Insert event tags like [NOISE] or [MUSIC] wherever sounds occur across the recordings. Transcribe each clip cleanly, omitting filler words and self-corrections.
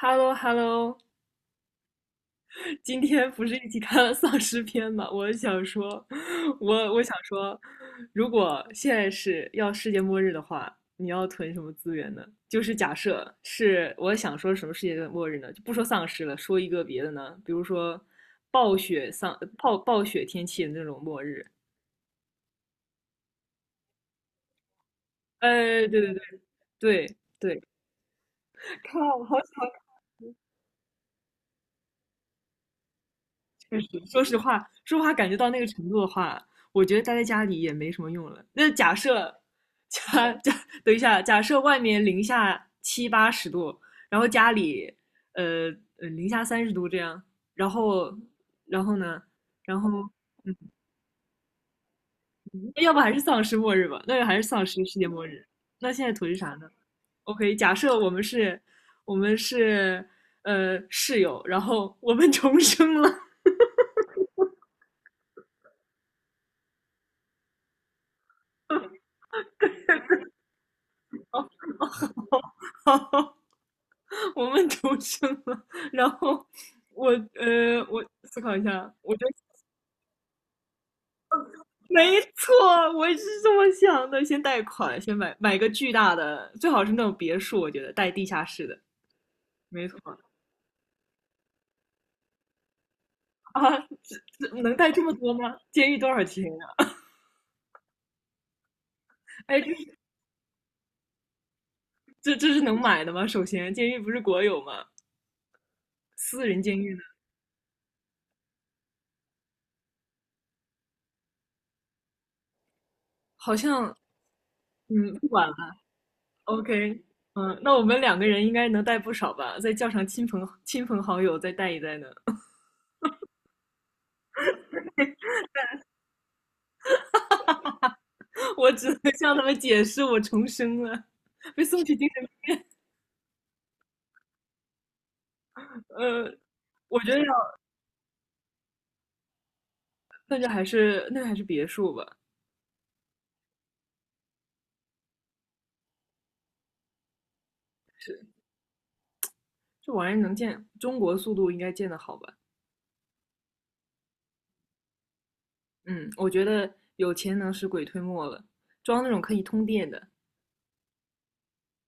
h e l l o h e l l o [LAUGHS] 今天不是一起看了丧尸片吗？我想说，我想说，如果现在是要世界末日的话，你要囤什么资源呢？就是假设是我想说什么世界末日呢？就不说丧尸了，说一个别的呢，比如说暴雪天气的那种末日。哎，对对对对对，靠，我好想确实，说实话，感觉到那个程度的话，我觉得待在家里也没什么用了。那假设，假假，等一下，假设外面零下七八十度，然后家里，呃零下30度这样，然后，然后呢，然后，要不还是丧尸末日吧？那就还是丧尸世界末日。那现在图是啥呢？OK，假设我们是，我们是，室友，然后我们重生了。[LAUGHS] [LAUGHS] 我们独生了，然后我思考一下，我觉得没错，我也是这么想的。先贷款，先买个巨大的，最好是那种别墅，我觉得带地下室的，没错。啊，这能贷这么多吗？监狱多少钱啊？哎，这是能买的吗？首先，监狱不是国有吗？私人监狱呢？好像，嗯，不管了。OK，嗯，那我们两个人应该能贷不少吧？再叫上亲朋好友再带一贷呢。[LAUGHS] 我只能向他们解释我重生了，被送去精神。呃，我觉得要，那就还是别墅吧，这玩意儿能建，中国速度应该建的好吧？嗯，我觉得有钱能使鬼推磨了，装那种可以通电的，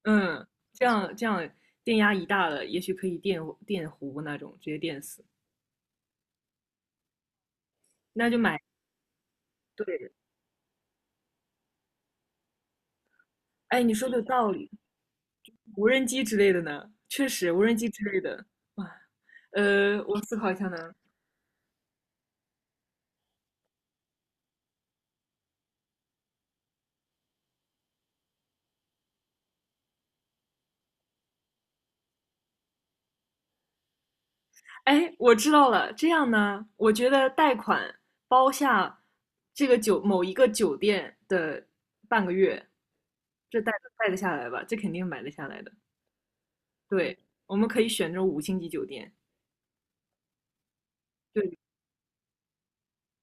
嗯，这样电压一大了，也许可以电弧那种，直接电死。那就买对的，哎，你说的有道理。无人机之类的呢，确实无人机之类的，哇，我思考一下呢。哎，我知道了。这样呢，我觉得贷款包下这个酒某一个酒店的半个月，这贷得下来吧？这肯定买得下来的。对，我们可以选这种五星级酒店。对，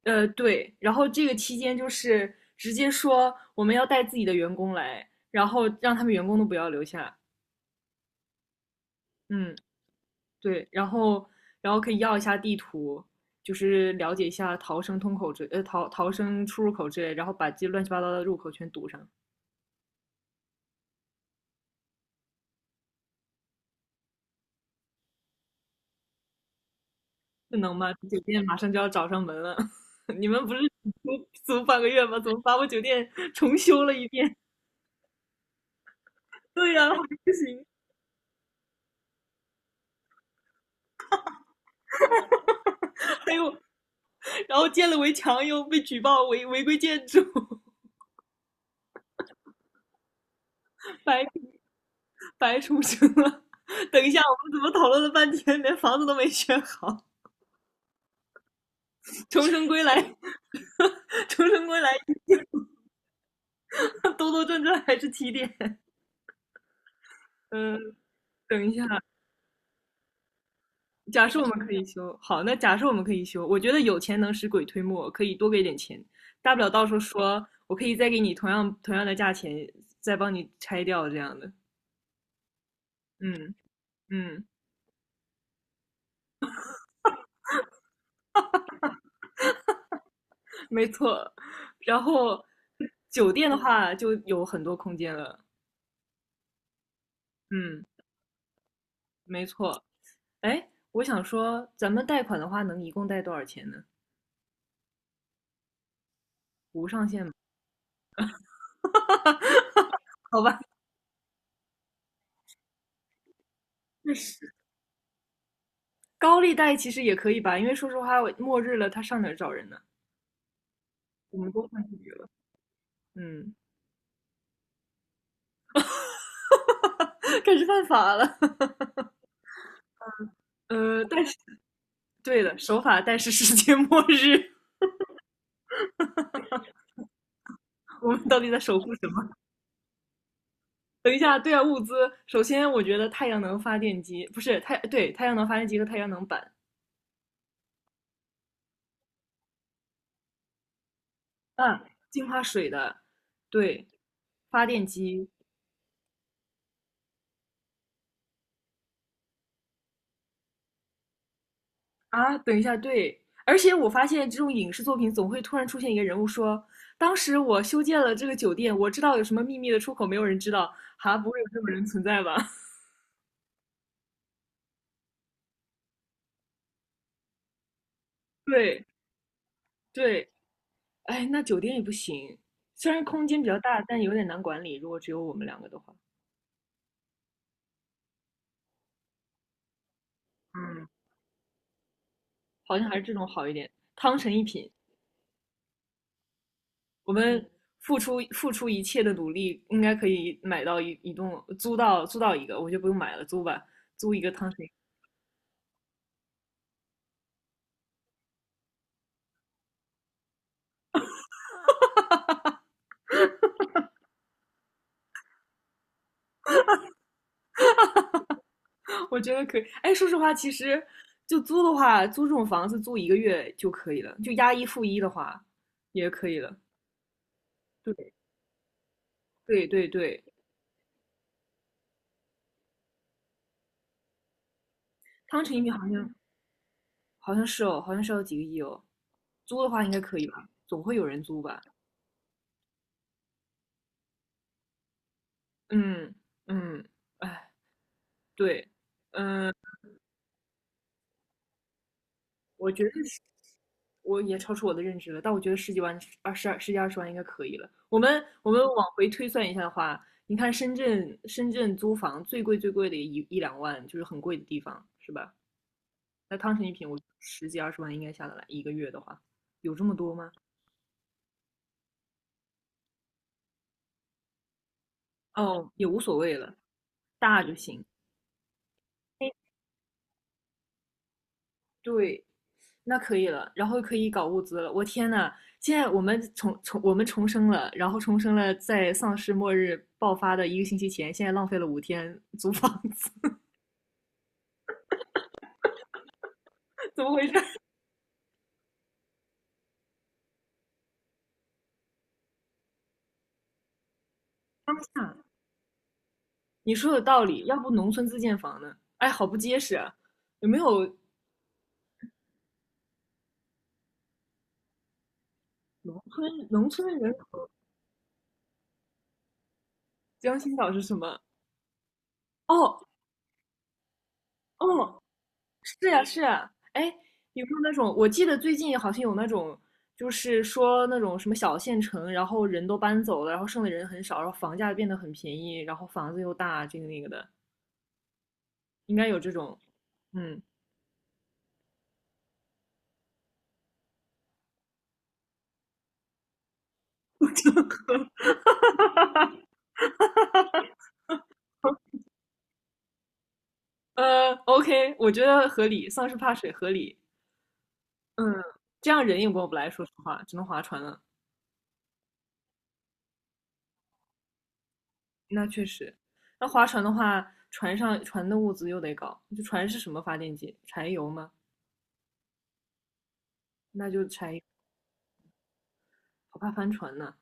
对。然后这个期间就是直接说我们要带自己的员工来，然后让他们员工都不要留下。嗯，对，然后可以要一下地图，就是了解一下逃生出入口之类，然后把这乱七八糟的入口全堵上，这能吗？酒店马上就要找上门了，[LAUGHS] 你们不是租半个月吗？怎么把我酒店 [LAUGHS] 重修了一遍？对呀、不行，还有然后建了围墙又被举报违规建筑，[LAUGHS] 白白重生了。等一下，我们怎么讨论了半天，连房子都没选好？重生归来，重生归来 [LAUGHS] 兜兜转转还是七点。嗯，等一下，假设我们可以修好，那假设我们可以修，我觉得有钱能使鬼推磨，可以多给点钱，大不了到时候说我可以再给你同样的价钱，再帮你拆掉这样的。嗯嗯，没错。然后酒店的话就有很多空间了。嗯，没错。哎，我想说，咱们贷款的话能一共贷多少钱呢？无上限吗？[LAUGHS] 好吧，确高利贷其实也可以吧，因为说实话，末日了，他上哪儿找人呢？我们都犯抑郁了，嗯 [LAUGHS]，开始犯法了。[LAUGHS] 但是对的，守法但是世界末日，我们到底在守护什么？[LAUGHS] 等一下，对啊，物资，首先我觉得太阳能发电机不是太对，太阳能发电机和太阳能板，嗯，净化水的，对，发电机，啊，等一下，对，而且我发现这种影视作品总会突然出现一个人物说，当时我修建了这个酒店，我知道有什么秘密的出口，没有人知道，哈，不会有这种人存在吧？[LAUGHS] 对对，哎，那酒店也不行，虽然空间比较大，但有点难管理，如果只有我们两个的话，嗯，好像还是这种好一点，汤臣一品，我们付出一切的努力，应该可以买到一栋，租到一个，我就不用买了，租吧，租一个汤臣 [LAUGHS] 我觉得可以。哎，说实话，其实就租的话，租这种房子租一个月就可以了，就押一付一的话也可以了。对对对对，汤臣一品好像是哦，好像是要几个亿哦。租的话应该可以吧？总会有人租吧？嗯嗯，哎，对，嗯。我觉得是我也超出我的认知了，但我觉得十几万、二十二、十几二十万应该可以了。我们往回推算一下的话，你看深圳租房最贵的一两万，就是很贵的地方，是吧？那汤臣一品，我十几二十万应该下得来，一个月的话，有这么多吗？哦，也无所谓了，大就行。哎对，那可以了，然后可以搞物资了。我天呐，现在我们我们重生了，然后重生了，在丧尸末日爆发的一个星期前，现在浪费了5天租房子，[LAUGHS] 怎么回事？当下你说有道理，要不农村自建房呢？哎，好不结实啊！有没有农村人口？江心岛是什么？哦哦，是呀，是呀，哎，有没有那种？我记得最近好像有那种，就是说那种什么小县城，然后人都搬走了，然后剩的人很少，然后房价变得很便宜，然后房子又大，这个那个的，应该有这种。嗯，OK，我觉得合理，丧尸怕水合理。嗯，这样人也过不来，说实话，只能划船了。那确实，那划船的话，船的物资又得搞，就船是什么发电机？柴油吗？那就柴油，不怕翻船呢。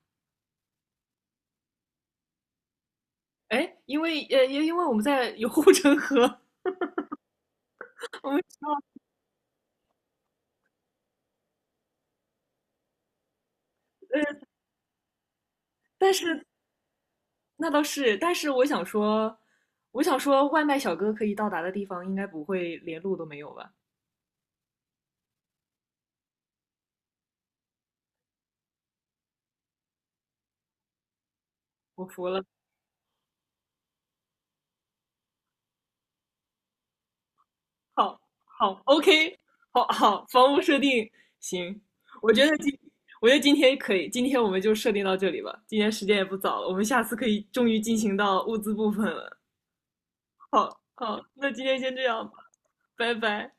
哎，因为因为我们在有护城河，[LAUGHS] 我们但是那倒是，但是我想说，外卖小哥可以到达的地方，应该不会连路都没有吧？我服了，好，好，OK，好好，房屋设定行，我觉得今，我觉得今天可以，今天我们就设定到这里吧，今天时间也不早了，我们下次可以终于进行到物资部分了。好，好，那今天先这样吧，拜拜。